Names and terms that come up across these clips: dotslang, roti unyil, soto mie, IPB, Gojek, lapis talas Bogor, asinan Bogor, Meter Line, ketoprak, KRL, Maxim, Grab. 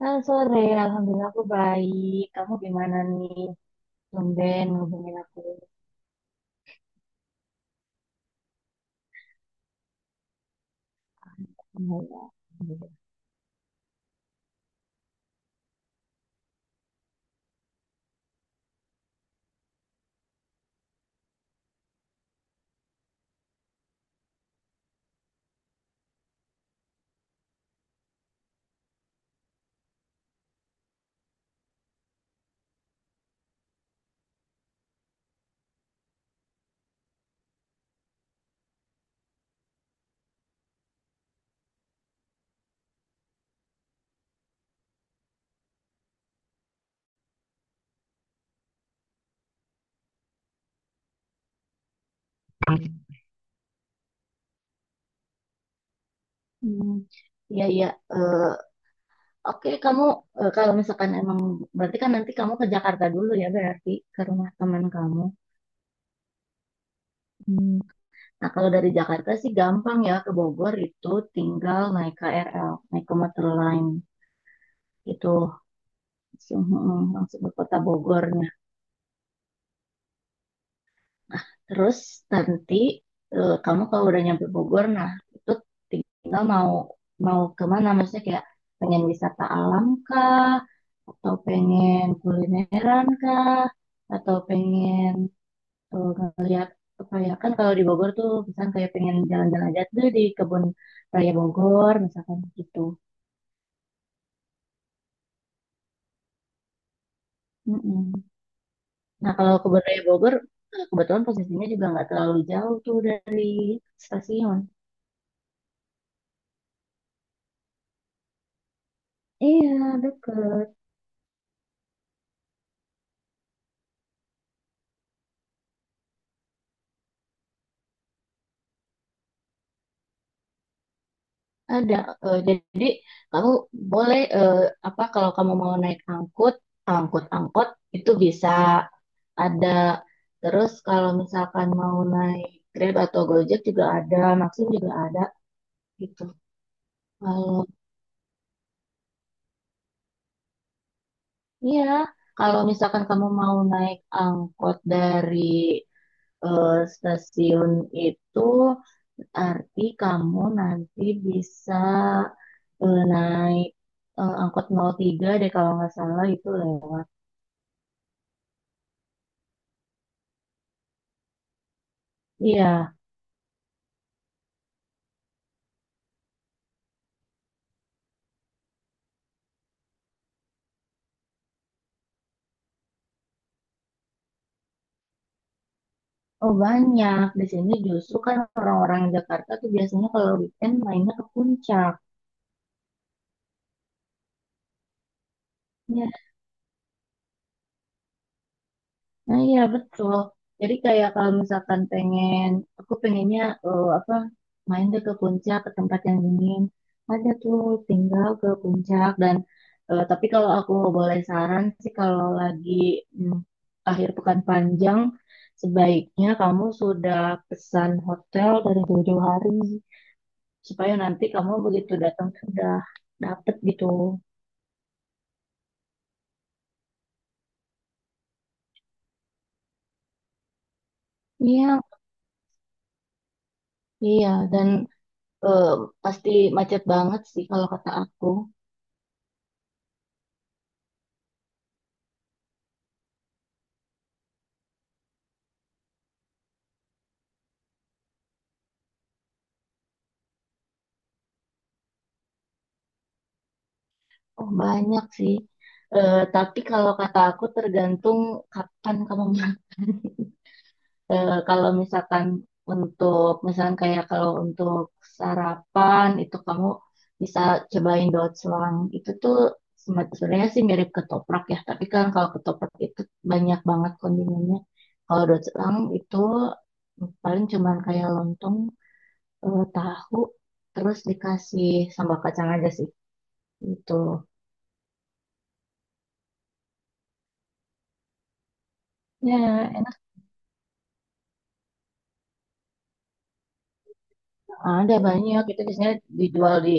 Halo sore. Alhamdulillah aku baik. Kamu gimana nih? Tumben ngubungin aku. Alhamdulillah. Hmm, iya, iya. Eh, Oke, kamu kalau misalkan emang berarti kan nanti kamu ke Jakarta dulu ya, berarti ke rumah teman kamu. Hmm. Nah, kalau dari Jakarta sih gampang ya ke Bogor itu tinggal naik KRL, naik ke Meter Line itu langsung, langsung ke kota Bogor. Terus nanti kamu kalau udah nyampe Bogor, nah itu tinggal mau mau kemana? Maksudnya kayak pengen wisata alam kah? Atau pengen kulineran kah? Atau pengen eh, ngeliat apa ya? Kan kalau di Bogor tuh misalkan kayak pengen jalan-jalan aja tuh di kebun raya Bogor, misalkan gitu. Mm-mm. Nah kalau kebun raya Bogor kebetulan posisinya juga nggak terlalu jauh tuh dari stasiun. Iya, deket. Ada, jadi kamu boleh apa, kalau kamu mau naik angkut, angkot itu bisa ada. Terus kalau misalkan mau naik Grab atau Gojek juga ada, Maxim juga ada gitu. Kalau iya, kalau misalkan kamu mau naik angkot dari eh, stasiun itu, arti kamu nanti bisa naik angkot nol tiga deh kalau nggak salah itu lewat. Iya, oh banyak. Di sini justru kan orang-orang Jakarta tuh biasanya kalau weekend mainnya ke puncak. Ya, nah iya betul. Jadi kayak kalau misalkan pengen, aku pengennya eh, apa main deh ke puncak ke tempat yang dingin. Ada tuh tinggal ke puncak. Dan tapi kalau aku boleh saran sih, kalau lagi mm, akhir pekan panjang sebaiknya kamu sudah pesan hotel dari jauh-jauh hari, supaya nanti kamu begitu datang sudah dapet gitu. Iya, iya. Dan eh, pasti macet banget sih kalau kata aku. Oh, banyak sih. Tapi kalau kata aku tergantung kapan kamu. Kalau misalkan untuk misalkan kayak kalau untuk sarapan itu kamu bisa cobain dotslang. Itu tuh sebenarnya sih mirip ketoprak ya, tapi kan kalau ketoprak itu banyak banget kondimennya, kalau dotslang itu paling cuman kayak lontong, tahu, terus dikasih sambal kacang aja sih itu. Ya, enak. Ada banyak, itu biasanya dijual di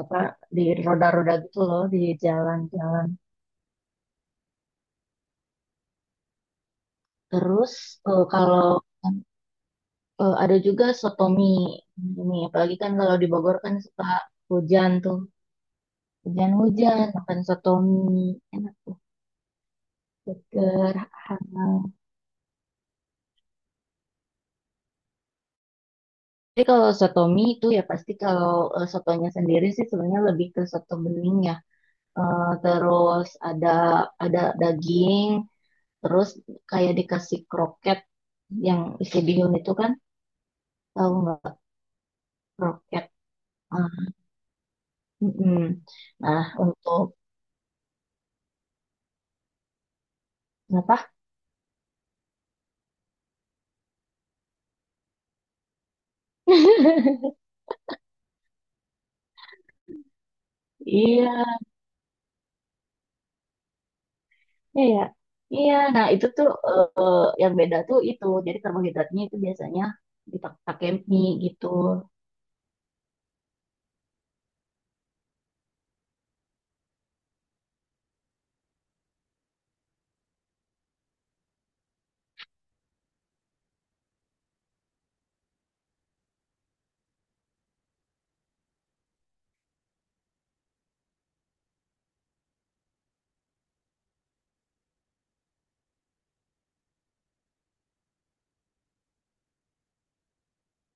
apa, di roda-roda gitu loh, di jalan-jalan. Terus eh, kalau ada juga soto mie. Mie, apalagi kan kalau di Bogor kan suka hujan tuh. Hujan-hujan, makan soto mie. Enak tuh, seger, hangat. Jadi kalau soto mie itu ya pasti kalau sotonya sendiri sih sebenarnya lebih ke soto bening ya. Terus ada ada daging, terus kayak dikasih kroket yang isi bihun itu kan, tahu nggak kroket? Ah, mm-mm. Nah, untuk apa? Iya, iya, ya. Iya, nah itu tuh yang beda tuh itu. Jadi karbohidratnya itu biasanya dipakai mie gitu.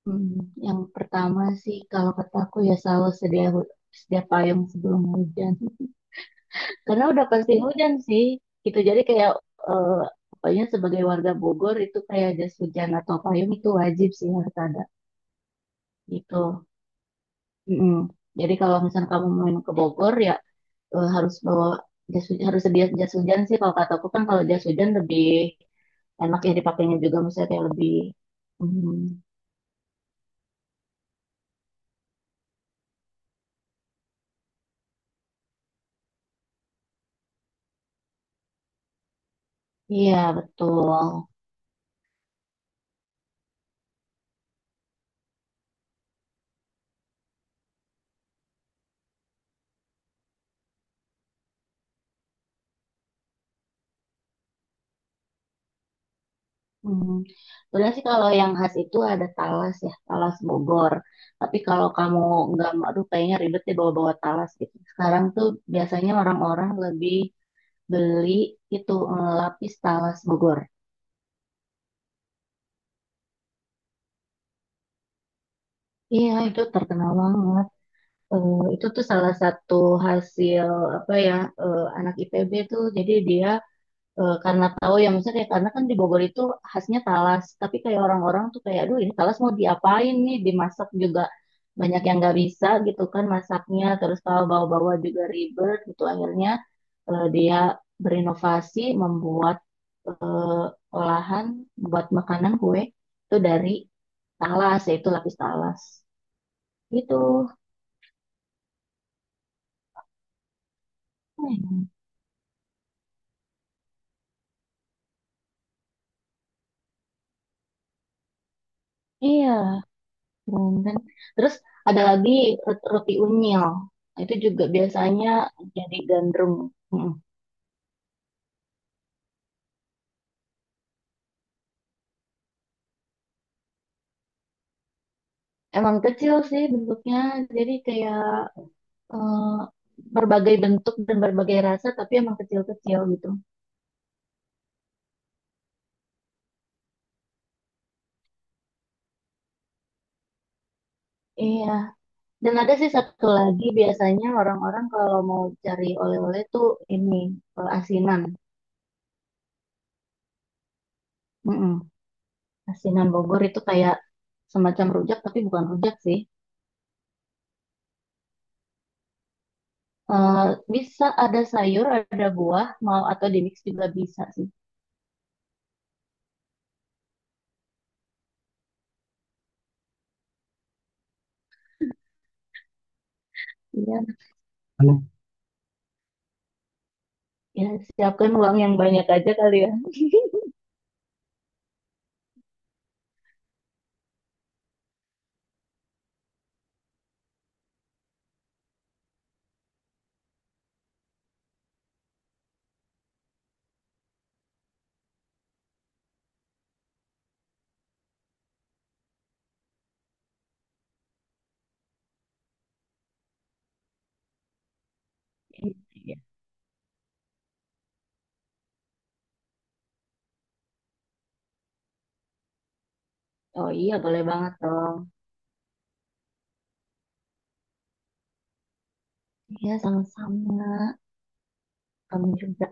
Hmm, yang pertama sih kalau kataku ya selalu sedia payung sebelum hujan. Karena udah pasti hujan sih. Itu jadi kayak eh, pokoknya sebagai warga Bogor itu kayak jas hujan atau payung itu wajib sih, harus ada gitu. Mm-mm. Jadi kalau misalnya kamu main ke Bogor ya harus bawa jas hujan, harus sedia jas hujan sih kalau kataku, kan kalau jas hujan lebih enak ya dipakainya juga misalnya kayak lebih. Hmm, iya betul. Hmm. Sebenarnya sih kalau yang khas itu ada talas ya, talas Bogor. Tapi kalau kamu nggak, aduh kayaknya ribet deh bawa-bawa talas gitu. Sekarang tuh biasanya orang-orang lebih beli itu lapis talas Bogor. Iya, itu terkenal banget. Itu tuh salah satu hasil apa ya, anak IPB tuh. Jadi dia karena tahu ya, maksudnya kayak, karena kan di Bogor itu khasnya talas, tapi kayak orang-orang tuh kayak aduh ini talas mau diapain nih, dimasak juga banyak yang nggak bisa gitu kan masaknya, terus kalau bawa-bawa juga ribet gitu, akhirnya dia berinovasi membuat eh, olahan buat makanan kue itu dari talas yaitu lapis talas gitu. Hmm, iya Bundan. Terus ada lagi roti unyil. Itu juga biasanya jadi gandrung. Mm. Emang kecil sih bentuknya, jadi kayak eh, berbagai bentuk dan berbagai rasa, tapi emang kecil-kecil gitu. Iya. Dan ada sih satu lagi, biasanya orang-orang kalau mau cari oleh-oleh tuh ini asinan. Mm-mm. Asinan Bogor itu kayak semacam rujak, tapi bukan rujak sih. Eh, bisa ada sayur, ada buah, mau atau di mix juga bisa sih. Iya. Kalau, ya siapkan uang yang banyak aja kali ya. Iya. Oh iya, boleh banget dong. Iya, sama-sama. Kamu juga.